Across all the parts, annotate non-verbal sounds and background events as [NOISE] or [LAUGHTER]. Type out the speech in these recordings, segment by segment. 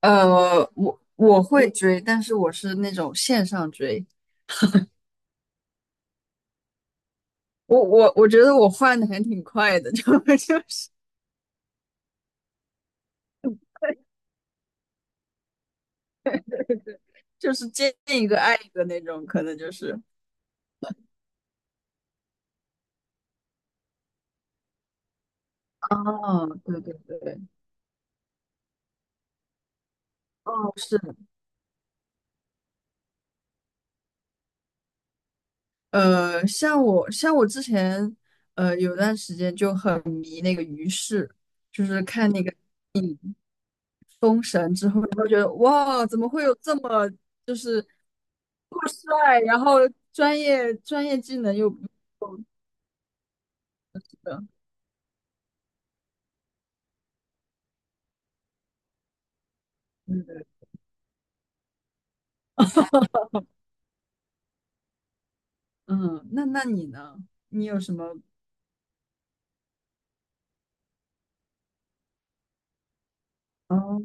我会追，但是我是那种线上追。我觉得我换的还挺快的，[LAUGHS] 就是见一个爱一个那种，可能就是。哦，对对对。哦。是。像我之前，有段时间就很迷那个于适，就是看那个《封神》之后，然后觉得哇，怎么会有这么酷帅，然后专业技能又不错的？嗯，那那你呢？你有什么？哦。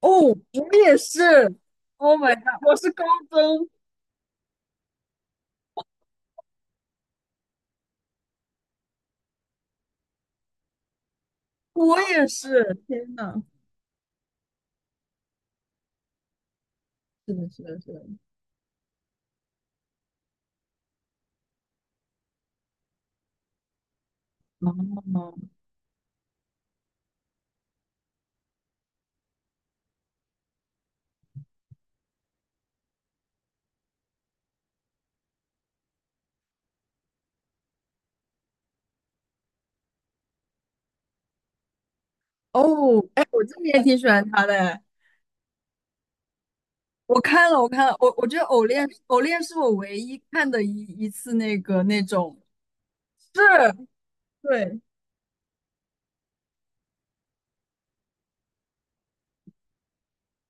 哦，我也是，Oh my god,我是高中。我也是，天呐。是的，是的，是的。哦。哦，哎，我真的也挺喜欢他的哎。我看了，我看了，我我觉得《偶恋》是我唯一看的一次那个那种。是。对。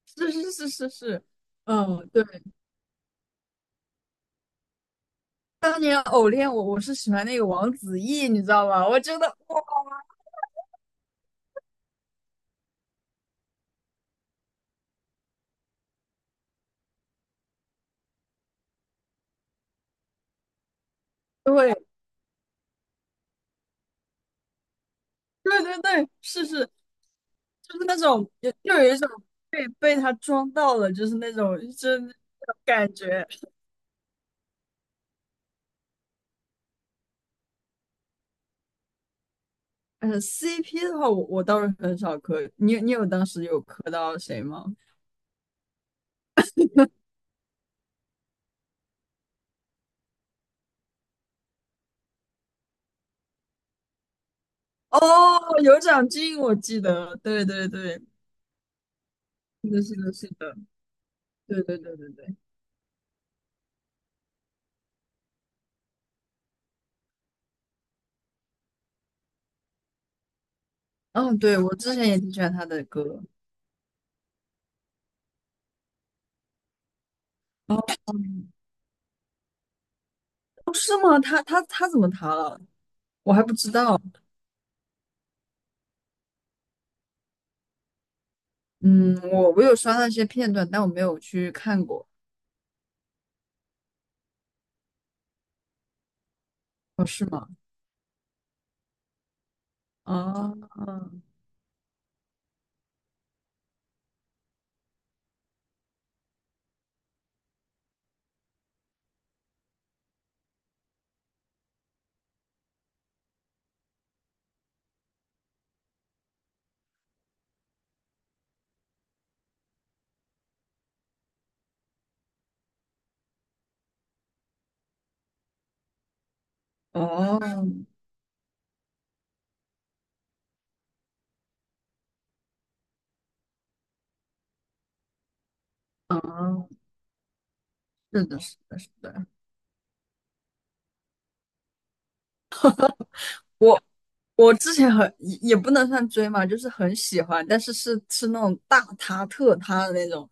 是是是是是。嗯，对，当年《偶恋》我是喜欢那个王子异，你知道吗？我觉得哇，对对对对，是是，就是那种就就有一种被他装到了，就是那种就是那种感觉。嗯，CP 的话，我倒是很少磕，你有当时有磕到谁吗？哦，有长进，我记得，对对对。是的，是的，是的。对对对对对。嗯，对，我之前也挺喜欢他的歌。哦。哦是吗？他怎么塌了？我还不知道。嗯，我有刷到一些片段，但我没有去看过。哦，是吗？哦。哦。嗯，是的，是的，是的。我我之前很也也不能算追嘛，就是很喜欢，但是是那种大他特他的那种。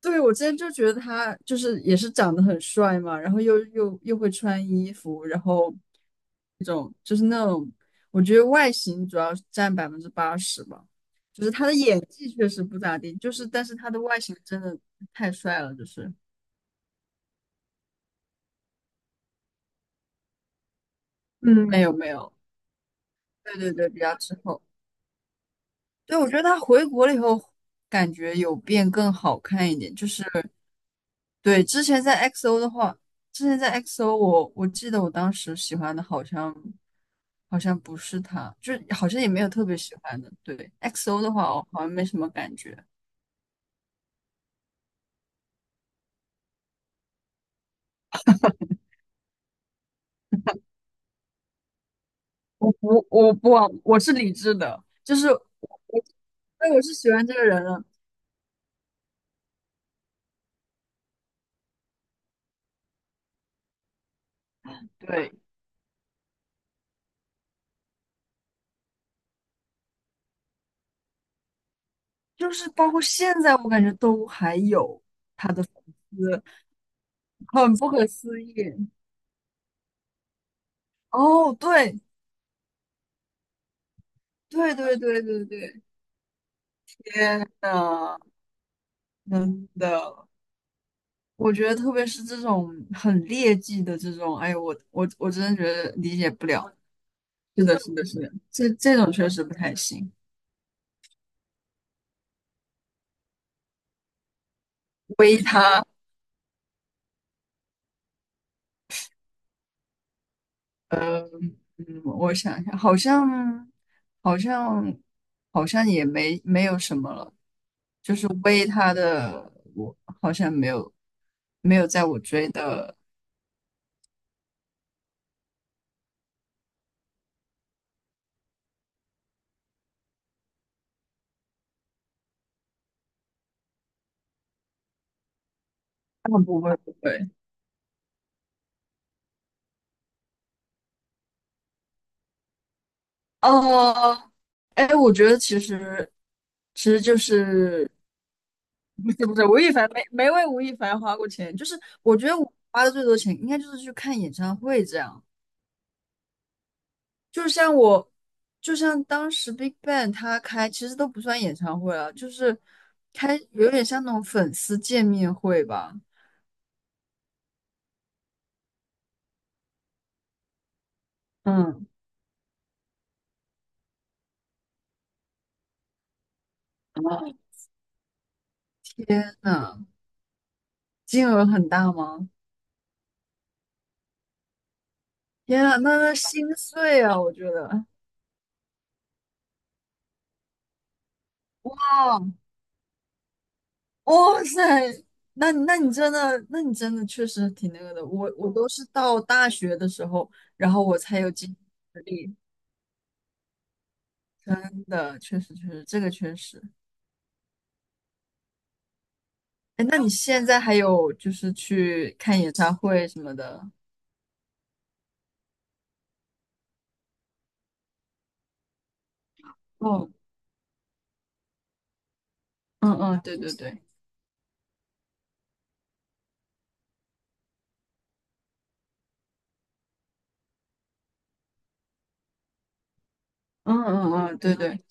对，我之前就觉得他就是也是长得很帅嘛，然后又会穿衣服，然后那种就是那种，我觉得外形主要占百分之八十吧，就是他的演技确实不咋地，就是但是他的外形真的太帅了，就是嗯，没有没有，对对对，比较滞后。对，我觉得他回国了以后，感觉有变更好看一点。就是对之前在 XO 的话，之前在 XO 我记得我当时喜欢的好像不是他，就是好像也没有特别喜欢的。对 XO 的话，我好像没什么感觉。我不，我不，我是理智的，就是我，我对我是喜欢这个人了。对，就是包括现在，我感觉都还有他的粉丝，很不可思议。哦，对，对对对对对。天呐。真的。我觉得特别是这种很劣迹的这种，哎呦，我真的觉得理解不了。是的，是的，是的，这这种确实不太行。微他。呃，我想一下，好像好像也没有什么了，就是微他的，我好像没有在我追的。啊，不会不会。哦，哎，我觉得其实就是 [LAUGHS] 不是吴亦凡没为吴亦凡花过钱，就是我觉得我花的最多钱应该就是去看演唱会这样，就像我就像当时 BigBang 他开其实都不算演唱会了，就是开有点像那种粉丝见面会吧。嗯真的金额很大吗？天啊，那那心碎啊，我觉得。哇塞，那那你真的，那你真的确实挺那个的。我都是到大学的时候，然后我才有经济实力。真的，确实确实，这个确实。哎，那你现在还有就是去看演唱会什么的？哦。嗯嗯，对对对。嗯嗯嗯，对对。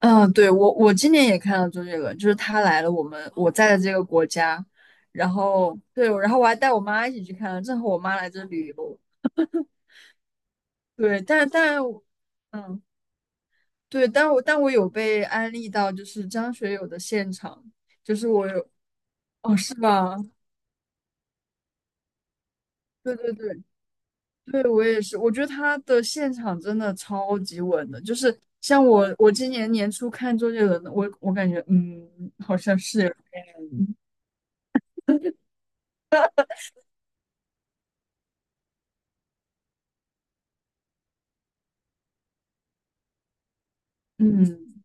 嗯，对我今年也看了周杰伦，就是他来了我们我在的这个国家，然后对，然后我还带我妈一起去看了，正好我妈来这旅游。对，但但。嗯。对，但我有被安利到，就是张学友的现场，就是我有。哦，是吧？对对对对，我也是，我觉得他的现场真的超级稳的，就是像我今年年初看周杰伦的，我感觉嗯，好像是有点嗯，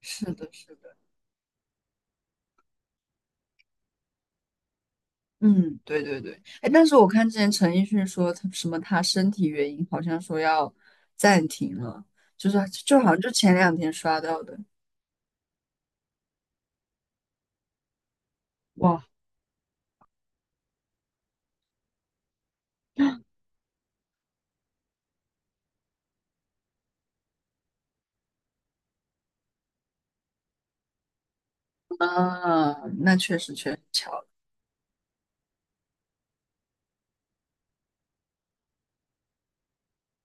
是的，是的，嗯，对对对，哎，但是我看之前陈奕迅说他什么他身体原因，好像说要暂停了，就是就好像就前两天刷到的。哇。啊，那确实确实巧了。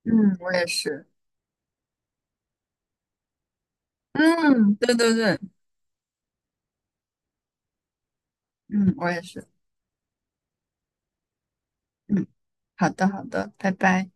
嗯，我也是。嗯，对对对。嗯，我也是。嗯，好的好的，拜拜。